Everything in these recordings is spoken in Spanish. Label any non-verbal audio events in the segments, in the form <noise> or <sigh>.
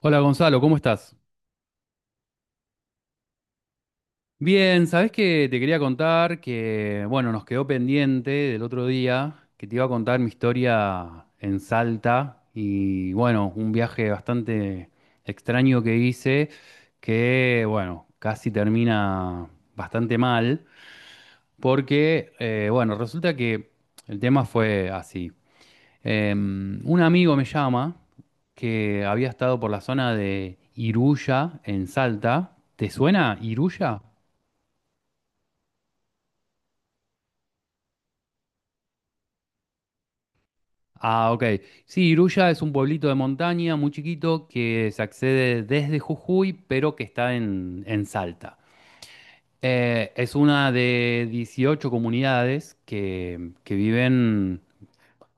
Hola Gonzalo, ¿cómo estás? Bien, ¿sabés que te quería contar que, bueno, nos quedó pendiente del otro día que te iba a contar mi historia en Salta y, bueno, un viaje bastante extraño que hice que, bueno, casi termina bastante mal porque, bueno, resulta que el tema fue así. Un amigo me llama que había estado por la zona de Iruya, en Salta. ¿Te suena Iruya? Ah, ok. Sí, Iruya es un pueblito de montaña muy chiquito que se accede desde Jujuy, pero que está en Salta. Es una de 18 comunidades que viven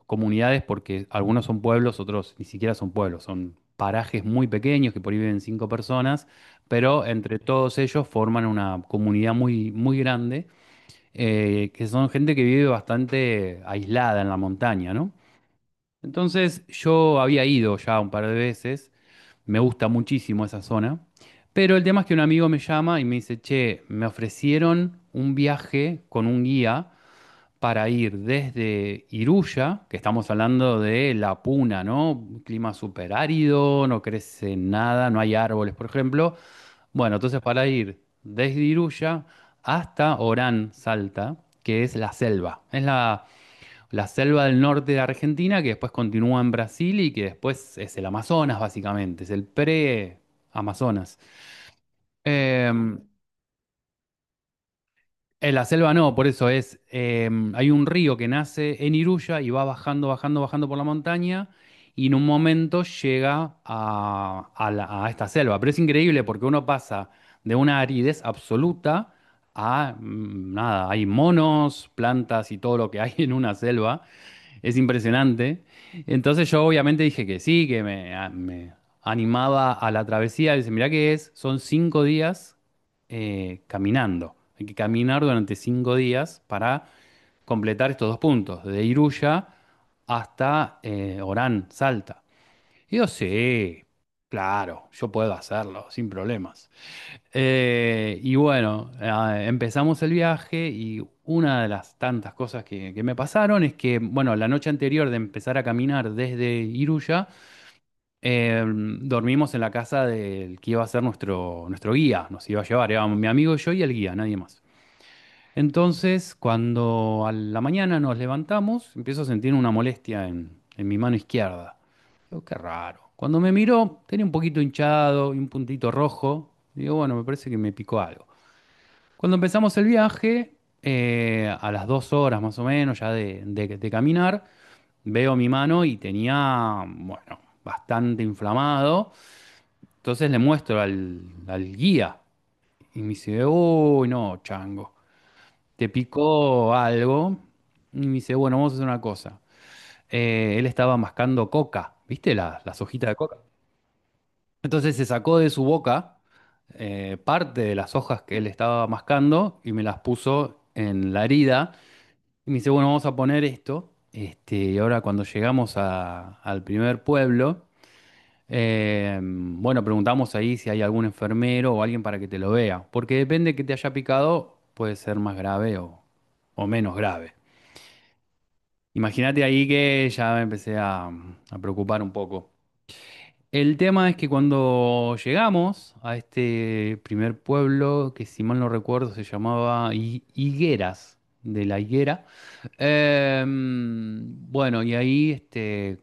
comunidades porque algunos son pueblos, otros ni siquiera son pueblos, son parajes muy pequeños que por ahí viven cinco personas, pero entre todos ellos forman una comunidad muy, muy grande, que son gente que vive bastante aislada en la montaña, ¿no? Entonces yo había ido ya un par de veces, me gusta muchísimo esa zona, pero el tema es que un amigo me llama y me dice, che, me ofrecieron un viaje con un guía para ir desde Iruya, que estamos hablando de La Puna, ¿no? Un clima súper árido, no crece nada, no hay árboles, por ejemplo. Bueno, entonces para ir desde Iruya hasta Orán, Salta, que es la selva. Es la selva del norte de Argentina que después continúa en Brasil y que después es el Amazonas, básicamente, es el pre-Amazonas. Em, En la selva no, por eso es, hay un río que nace en Iruya y va bajando, bajando, bajando por la montaña y en un momento llega a esta selva. Pero es increíble porque uno pasa de una aridez absoluta a nada, hay monos, plantas y todo lo que hay en una selva es impresionante. Entonces yo obviamente dije que sí, que me animaba a la travesía. Dice, mirá que es, son cinco días caminando. Hay que caminar durante cinco días para completar estos dos puntos, de Iruya hasta Orán, Salta. Y yo, sí, claro, yo puedo hacerlo, sin problemas. Y bueno, empezamos el viaje y una de las tantas cosas que me pasaron es que, bueno, la noche anterior de empezar a caminar desde Iruya, dormimos en la casa del que iba a ser nuestro guía, nos iba a llevar, éramos mi amigo y yo y el guía, nadie más. Entonces, cuando a la mañana nos levantamos, empiezo a sentir una molestia en mi mano izquierda. Digo, qué raro. Cuando me miró, tenía un poquito hinchado y un puntito rojo. Digo, bueno, me parece que me picó algo. Cuando empezamos el viaje, a las dos horas más o menos ya de caminar, veo mi mano y tenía, bueno, bastante inflamado. Entonces le muestro al guía y me dice, uy, no, chango, te picó algo. Y me dice, bueno, vamos a hacer una cosa. Él estaba mascando coca, ¿viste? Las hojitas de coca. Entonces se sacó de su boca parte de las hojas que él estaba mascando y me las puso en la herida. Y me dice, bueno, vamos a poner esto. Este, y ahora cuando llegamos al primer pueblo, bueno, preguntamos ahí si hay algún enfermero o alguien para que te lo vea. Porque depende que te haya picado, puede ser más grave o menos grave. Imagínate ahí que ya me empecé a preocupar un poco. El tema es que cuando llegamos a este primer pueblo, que si mal no recuerdo se llamaba Higueras, de la Higuera, bueno, y ahí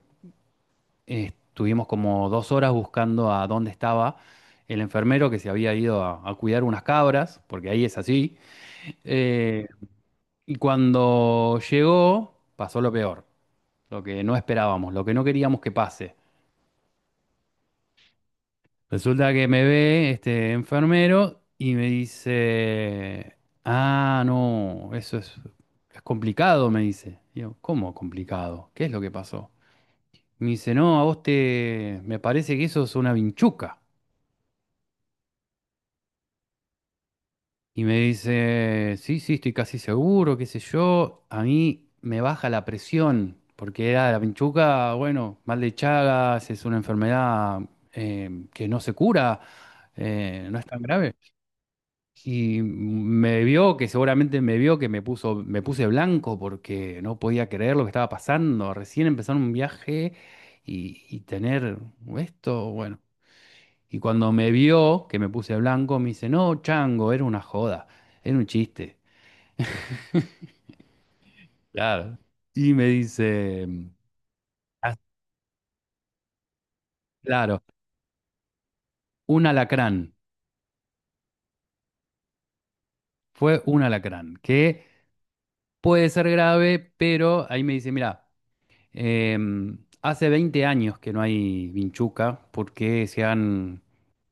estuvimos como dos horas buscando a dónde estaba el enfermero que se había ido a cuidar unas cabras, porque ahí es así. Eh, y cuando llegó, pasó lo peor, lo que no esperábamos, lo que no queríamos que pase. Resulta que me ve este enfermero y me dice, ah, no, eso es complicado, me dice. Y yo, ¿cómo complicado? ¿Qué es lo que pasó? Me dice, no, a vos me parece que eso es una vinchuca. Y me dice, sí, sí, estoy casi seguro, qué sé yo, a mí me baja la presión, porque era la vinchuca, bueno, mal de Chagas, es una enfermedad que no se cura, no es tan grave. Y me vio, que seguramente me vio, que me puso, me puse blanco porque no podía creer lo que estaba pasando. Recién empezar un viaje y tener esto, bueno. Y cuando me vio, que me puse blanco, me dice, no, chango, era una joda, era un chiste. Claro. Y me dice, ah, claro, un alacrán, fue un alacrán, que puede ser grave, pero ahí me dice, mira. Hace 20 años que no hay vinchuca porque se han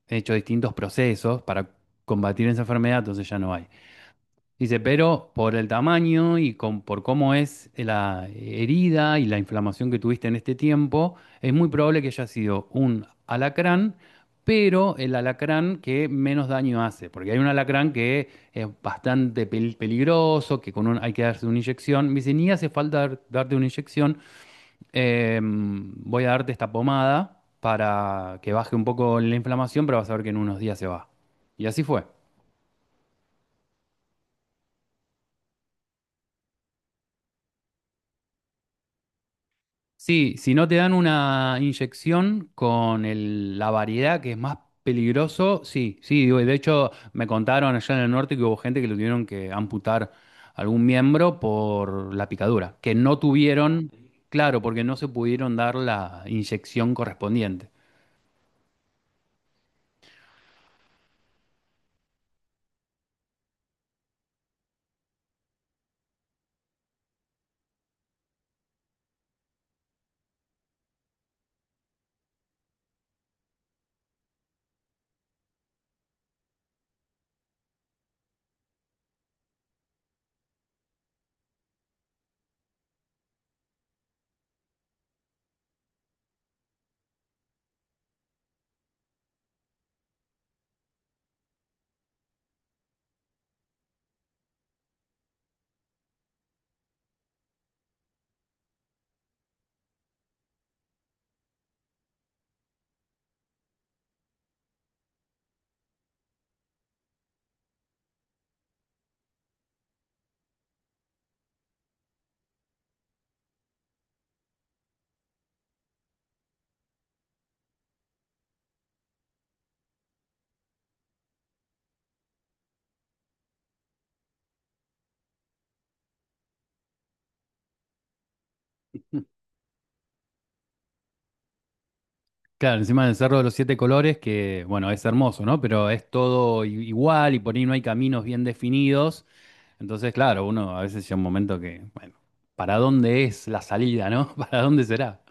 hecho distintos procesos para combatir esa enfermedad, entonces ya no hay. Dice, pero por el tamaño y por cómo es la herida y la inflamación que tuviste en este tiempo, es muy probable que haya sido un alacrán, pero el alacrán que menos daño hace, porque hay un alacrán que es bastante peligroso, que con hay que darse una inyección. Me dice, ni hace falta darte una inyección. Voy a darte esta pomada para que baje un poco la inflamación, pero vas a ver que en unos días se va. Y así fue. Sí, si no te dan una inyección con la variedad que es más peligroso, sí, sí, digo, y de hecho me contaron allá en el norte que hubo gente que le tuvieron que amputar algún miembro por la picadura, que no tuvieron, claro, porque no se pudieron dar la inyección correspondiente. Claro, encima del Cerro de los Siete Colores, que bueno, es hermoso, ¿no? Pero es todo igual y por ahí no hay caminos bien definidos. Entonces, claro, uno a veces llega un momento que, bueno, ¿para dónde es la salida?, ¿no? <laughs> ¿Para dónde será?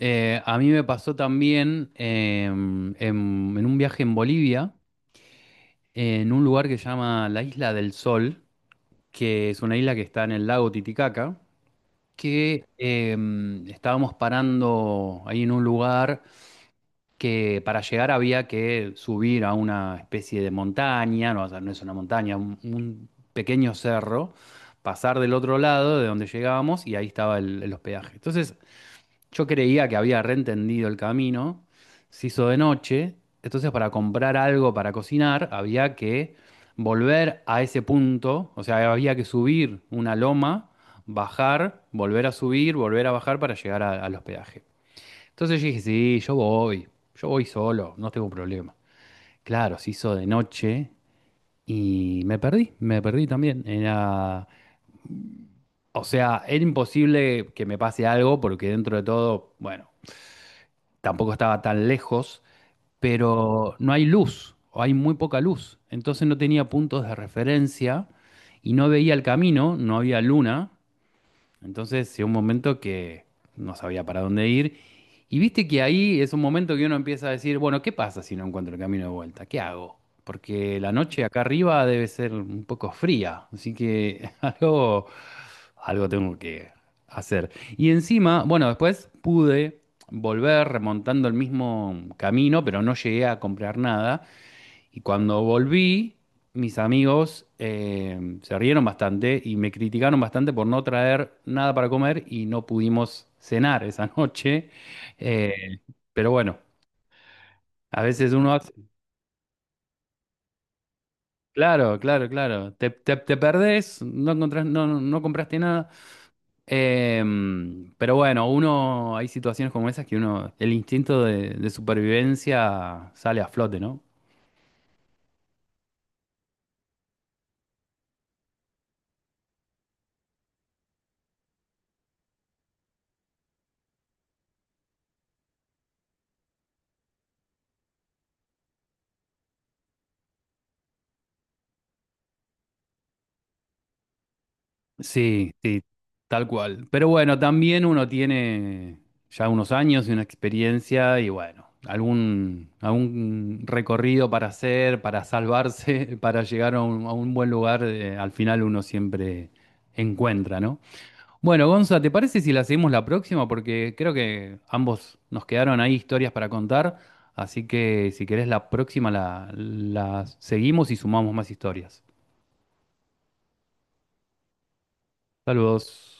A mí me pasó también en un viaje en Bolivia, en un lugar que se llama la Isla del Sol, que es una isla que está en el lago Titicaca, que estábamos parando ahí en un lugar, que para llegar había que subir a una especie de montaña, no, o sea, no es una montaña, un pequeño cerro, pasar del otro lado de donde llegábamos y ahí estaba el hospedaje. Entonces yo creía que había reentendido el camino, se hizo de noche, entonces para comprar algo para cocinar había que volver a ese punto, o sea, había que subir una loma, bajar, volver a subir, volver a bajar para llegar al hospedaje. Entonces yo dije, sí, yo voy solo, no tengo problema. Claro, se hizo de noche y me perdí también. Era, o sea, era imposible que me pase algo porque dentro de todo, bueno, tampoco estaba tan lejos, pero no hay luz, o hay muy poca luz. Entonces no tenía puntos de referencia y no veía el camino, no había luna. Entonces llegó un momento que no sabía para dónde ir. Y viste que ahí es un momento que uno empieza a decir, bueno, ¿qué pasa si no encuentro el camino de vuelta? ¿Qué hago? Porque la noche acá arriba debe ser un poco fría, así que <laughs> algo tengo que hacer. Y encima, bueno, después pude volver remontando el mismo camino, pero no llegué a comprar nada. Y cuando volví, mis amigos se rieron bastante y me criticaron bastante por no traer nada para comer y no pudimos cenar esa <laughs> noche. Eh, pero bueno, a veces uno hace. Claro, claro, claro. Te perdés, no compraste nada. Pero bueno, uno, hay situaciones como esas que uno, el instinto de supervivencia sale a flote, ¿no? Sí, sí, tal cual. Pero bueno, también uno tiene ya unos años y una experiencia y bueno, algún recorrido para hacer, para salvarse, <laughs> para llegar a un buen lugar, al final uno siempre encuentra, ¿no? Bueno, Gonza, ¿te parece si la seguimos la próxima? Porque creo que ambos nos quedaron ahí historias para contar, así que si querés la próxima la seguimos y sumamos más historias. Saludos.